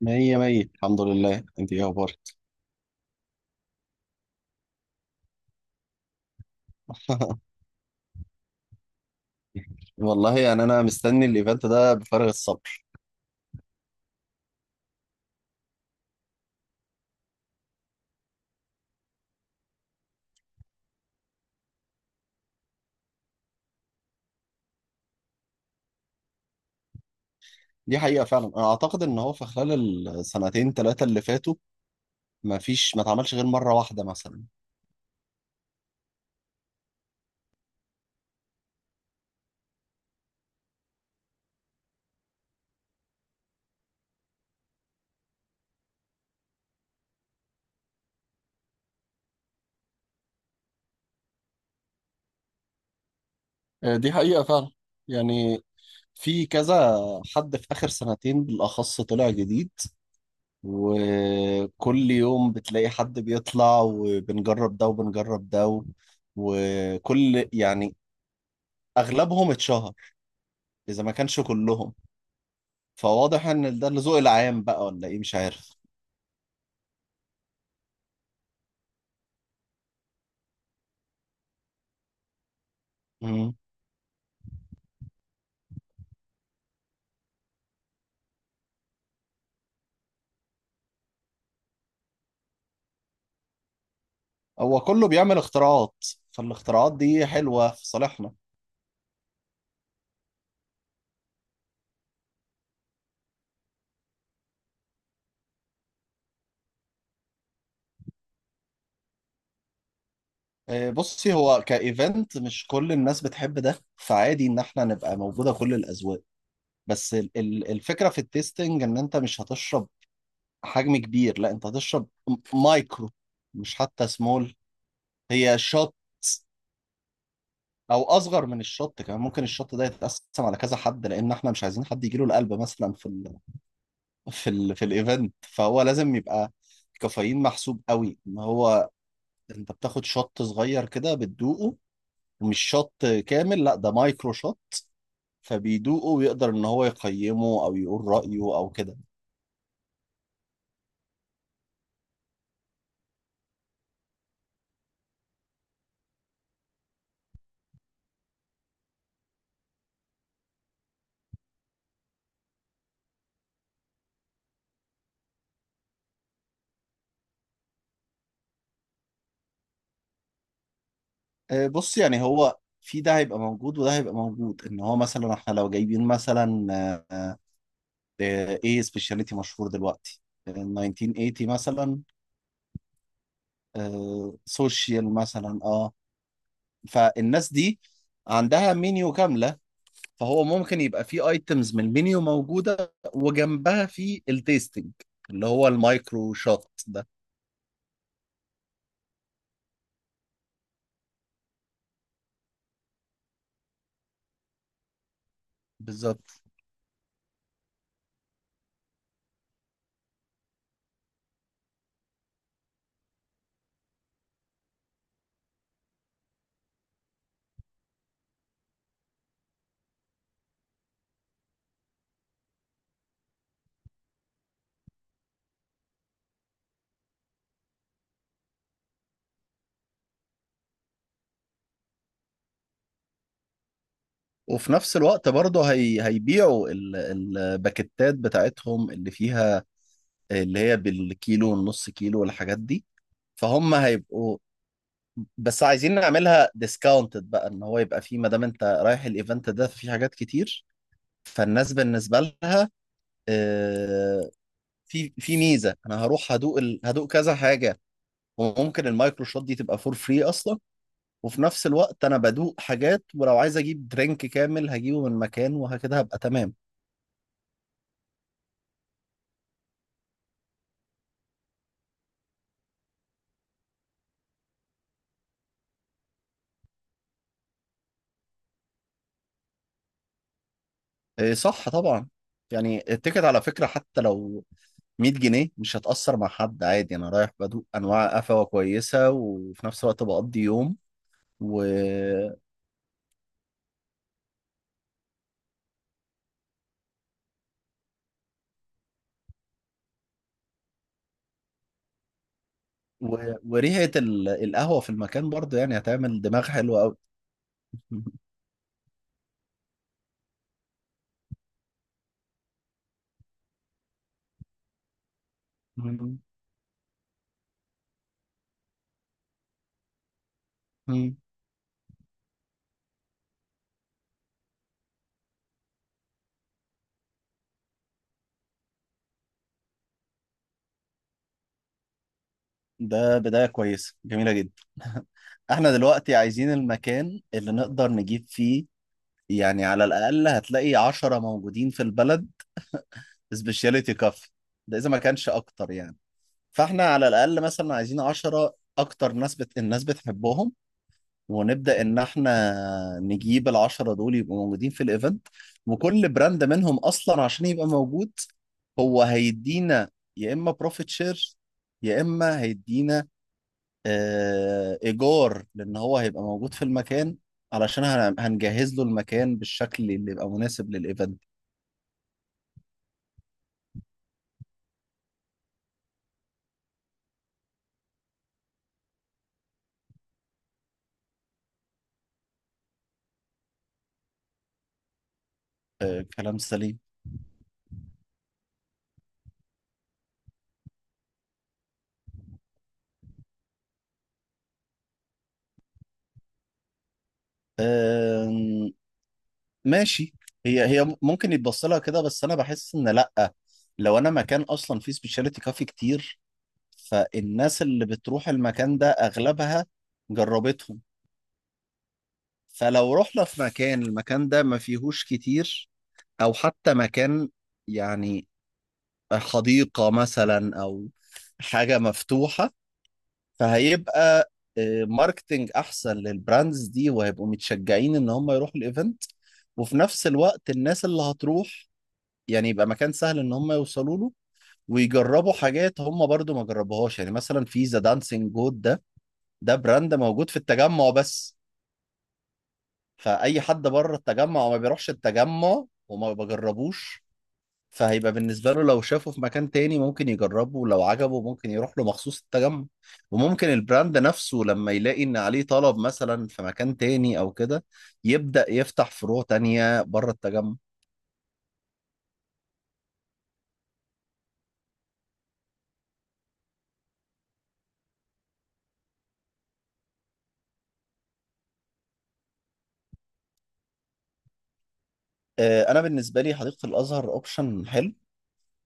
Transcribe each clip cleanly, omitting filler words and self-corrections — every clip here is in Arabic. مية مية، الحمد لله. انت ايه اخبارك؟ والله انا مستني الايفنت ده بفارغ الصبر. دي حقيقة فعلا. انا اعتقد ان هو في خلال السنتين ثلاثة اللي فاتوا ما فيش ما اتعملش غير مرة واحدة مثلا. دي حقيقة فعلا. يعني في كذا حد في اخر سنتين بالاخص طلع جديد، وكل يوم بتلاقي حد بيطلع وبنجرب ده وبنجرب ده و- وكل يعني اغلبهم اتشهر اذا ما كانش كلهم. فواضح ان ده الذوق العام بقى ولا ايه، مش عارف. مم. هو كله بيعمل اختراعات، فالاختراعات دي حلوة في صالحنا. بصي، هو كايفنت مش كل الناس بتحب ده، فعادي ان احنا نبقى موجودة كل الاذواق. بس الفكرة في التيستنج ان انت مش هتشرب حجم كبير، لا انت هتشرب مايكرو، مش حتى سمول. هي شوت او اصغر من الشوت كمان، ممكن الشوت ده يتقسم على كذا حد، لان احنا مش عايزين حد يجيله القلب مثلا في في ال في الايفنت. فهو لازم يبقى الكافيين محسوب قوي، ان هو انت بتاخد شوت صغير كده بتدوقه، مش شوت كامل، لا ده مايكرو شوت. فبيدوقه ويقدر ان هو يقيمه او يقول رأيه او كده. بص، هو في ده هيبقى موجود وده هيبقى موجود، ان هو مثلا احنا لو جايبين مثلا آه، ايه سبيشاليتي مشهور دلوقتي، 1980 مثلا، سوشيال مثلا، اه. فالناس دي عندها منيو كاملة، فهو ممكن يبقى في ايتمز من المنيو موجودة وجنبها في التيستنج اللي هو المايكرو شوت ده. بالظبط. وفي نفس الوقت برضه هيبيعوا الباكتات بتاعتهم اللي فيها، اللي هي بالكيلو والنص كيلو والحاجات دي. فهم هيبقوا، بس عايزين نعملها ديسكاونتد بقى، ان هو يبقى فيه، ما دام انت رايح الايفنت ده فيه حاجات كتير. فالناس بالنسبة لها آه، في في ميزة انا هروح هدوق ال... هدوق كذا حاجة، وممكن المايكرو شوت دي تبقى فور فري اصلا. وفي نفس الوقت انا بدوق حاجات، ولو عايز اجيب درينك كامل هجيبه من مكان، وهكذا هبقى تمام. إيه، صح طبعا. يعني التيكت على فكرة حتى لو 100 جنيه مش هتأثر مع حد، عادي، انا رايح بدوق انواع قفوة كويسة وفي نفس الوقت بقضي يوم. و... و... وريحة ال... القهوة في المكان برضه يعني هتعمل دماغ حلوة قوي. ده بداية كويسة جميلة جدا. احنا دلوقتي عايزين المكان اللي نقدر نجيب فيه، على الأقل هتلاقي عشرة موجودين في البلد سبيشاليتي كافي، ده إذا ما كانش أكتر يعني. فاحنا على الأقل مثلا عايزين عشرة أكتر ناس الناس بتحبهم، ونبدأ إن احنا نجيب العشرة دول يبقوا موجودين في الإيفنت. وكل براند منهم أصلا عشان يبقى موجود هو هيدينا يا إما بروفيت شير يا إما هيدينا ايجار، لان هو هيبقى موجود في المكان، علشان هنجهز له المكان بالشكل اللي يبقى مناسب للايفنت. كلام سليم. آم، ماشي. هي ممكن يتبص لها كده، بس انا بحس ان لا. لو انا مكان اصلا فيه سبيشاليتي كافي كتير، فالناس اللي بتروح المكان ده اغلبها جربتهم. فلو رحنا في المكان ده ما فيهوش كتير، او حتى مكان يعني حديقة مثلا أو حاجة مفتوحة، فهيبقى ماركتينج أحسن للبراندز دي وهيبقوا متشجعين إن هم يروحوا الإيفنت. وفي نفس الوقت الناس اللي هتروح، يبقى مكان سهل إن هم يوصلوا له ويجربوا حاجات هم برضو ما جربوهاش. يعني مثلا في ذا دانسينج جود ده، ده براند موجود في التجمع بس. فأي حد بره التجمع وما بيروحش التجمع وما بجربوش، فهيبقى بالنسبة له لو شافه في مكان تاني ممكن يجربه، ولو عجبه ممكن يروح له مخصوص التجمع. وممكن البراند نفسه لما يلاقي ان عليه طلب مثلا في مكان تاني او كده، يبدأ يفتح فروع تانية بره التجمع. انا بالنسبة لي حديقة الازهر اوبشن حلو.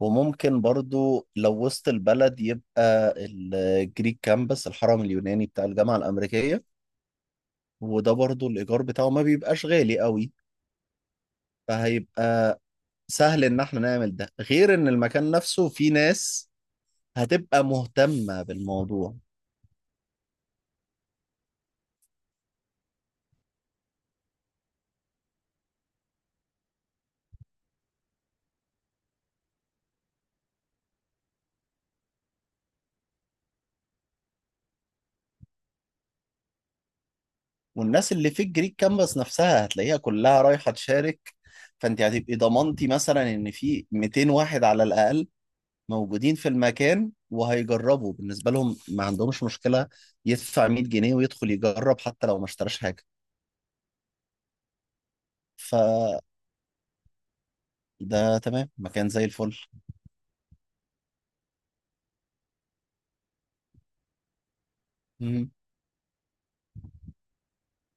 وممكن برضو لو وسط البلد، يبقى الجريك كامبس، الحرم اليوناني بتاع الجامعة الأمريكية. وده برضو الإيجار بتاعه ما بيبقاش غالي قوي، فهيبقى سهل ان احنا نعمل ده، غير ان المكان نفسه فيه ناس هتبقى مهتمة بالموضوع. والناس اللي في الجريك كانفاس نفسها هتلاقيها كلها رايحة تشارك، فانت هتبقي ضمنتي مثلا ان في 200 واحد على الاقل موجودين في المكان وهيجربوا. بالنسبة لهم ما عندهمش مشكلة يدفع 100 جنيه ويدخل يجرب حتى لو ما اشتراش حاجة. فده تمام، مكان زي الفل. مم.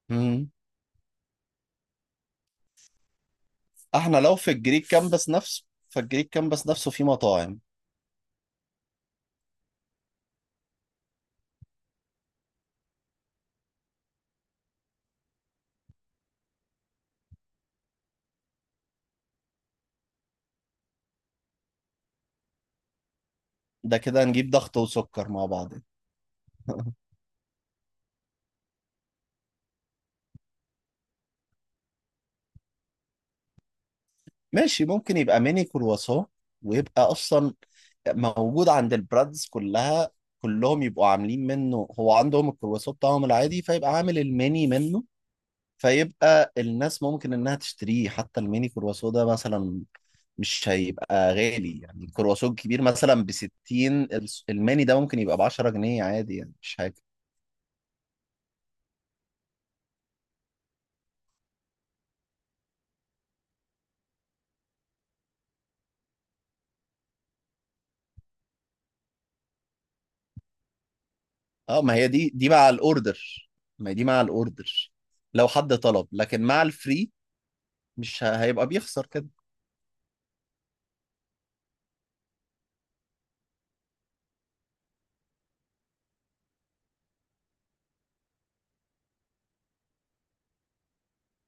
مم. احنا لو في الجريك كامبس نفسه، فالجريك كامبس نفسه فيه مطاعم. ده كده نجيب ضغط وسكر مع بعض. ماشي، ممكن يبقى ميني كرواسون، ويبقى اصلا موجود عند البرادز كلها، كلهم يبقوا عاملين منه. هو عندهم الكرواسون بتاعهم العادي، فيبقى عامل الميني منه، فيبقى الناس ممكن انها تشتريه. حتى الميني كرواسون ده مثلا مش هيبقى غالي، يعني الكرواسون كبير مثلا ب 60، الميني ده ممكن يبقى ب 10 جنيه عادي، يعني مش حاجه. اه، ما هي دي مع الاوردر، ما هي دي مع الاوردر لو حد طلب، لكن مع الفري مش ه- هيبقى بيخسر كده.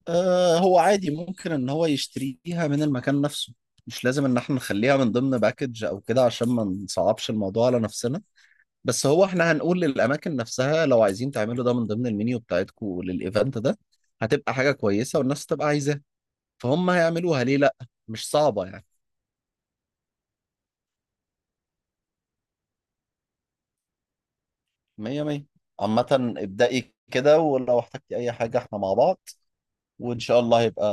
آه، هو عادي ممكن ان هو يشتريها من المكان نفسه، مش لازم ان احنا نخليها من ضمن باكج او كده، عشان ما نصعبش الموضوع على نفسنا. بس هو احنا هنقول للاماكن نفسها لو عايزين تعملوا ده من ضمن المنيو بتاعتكم للايفنت ده، هتبقى حاجة كويسة والناس تبقى عايزاها، فهم هيعملوها، ليه لا، مش صعبة يعني. مية مية. عامة، ابدأي كده، ولو احتجتي اي حاجة احنا مع بعض، وان شاء الله هيبقى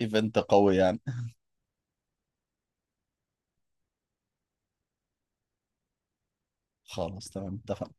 ايفنت قوي يعني. خلاص، تمام، اتفقنا.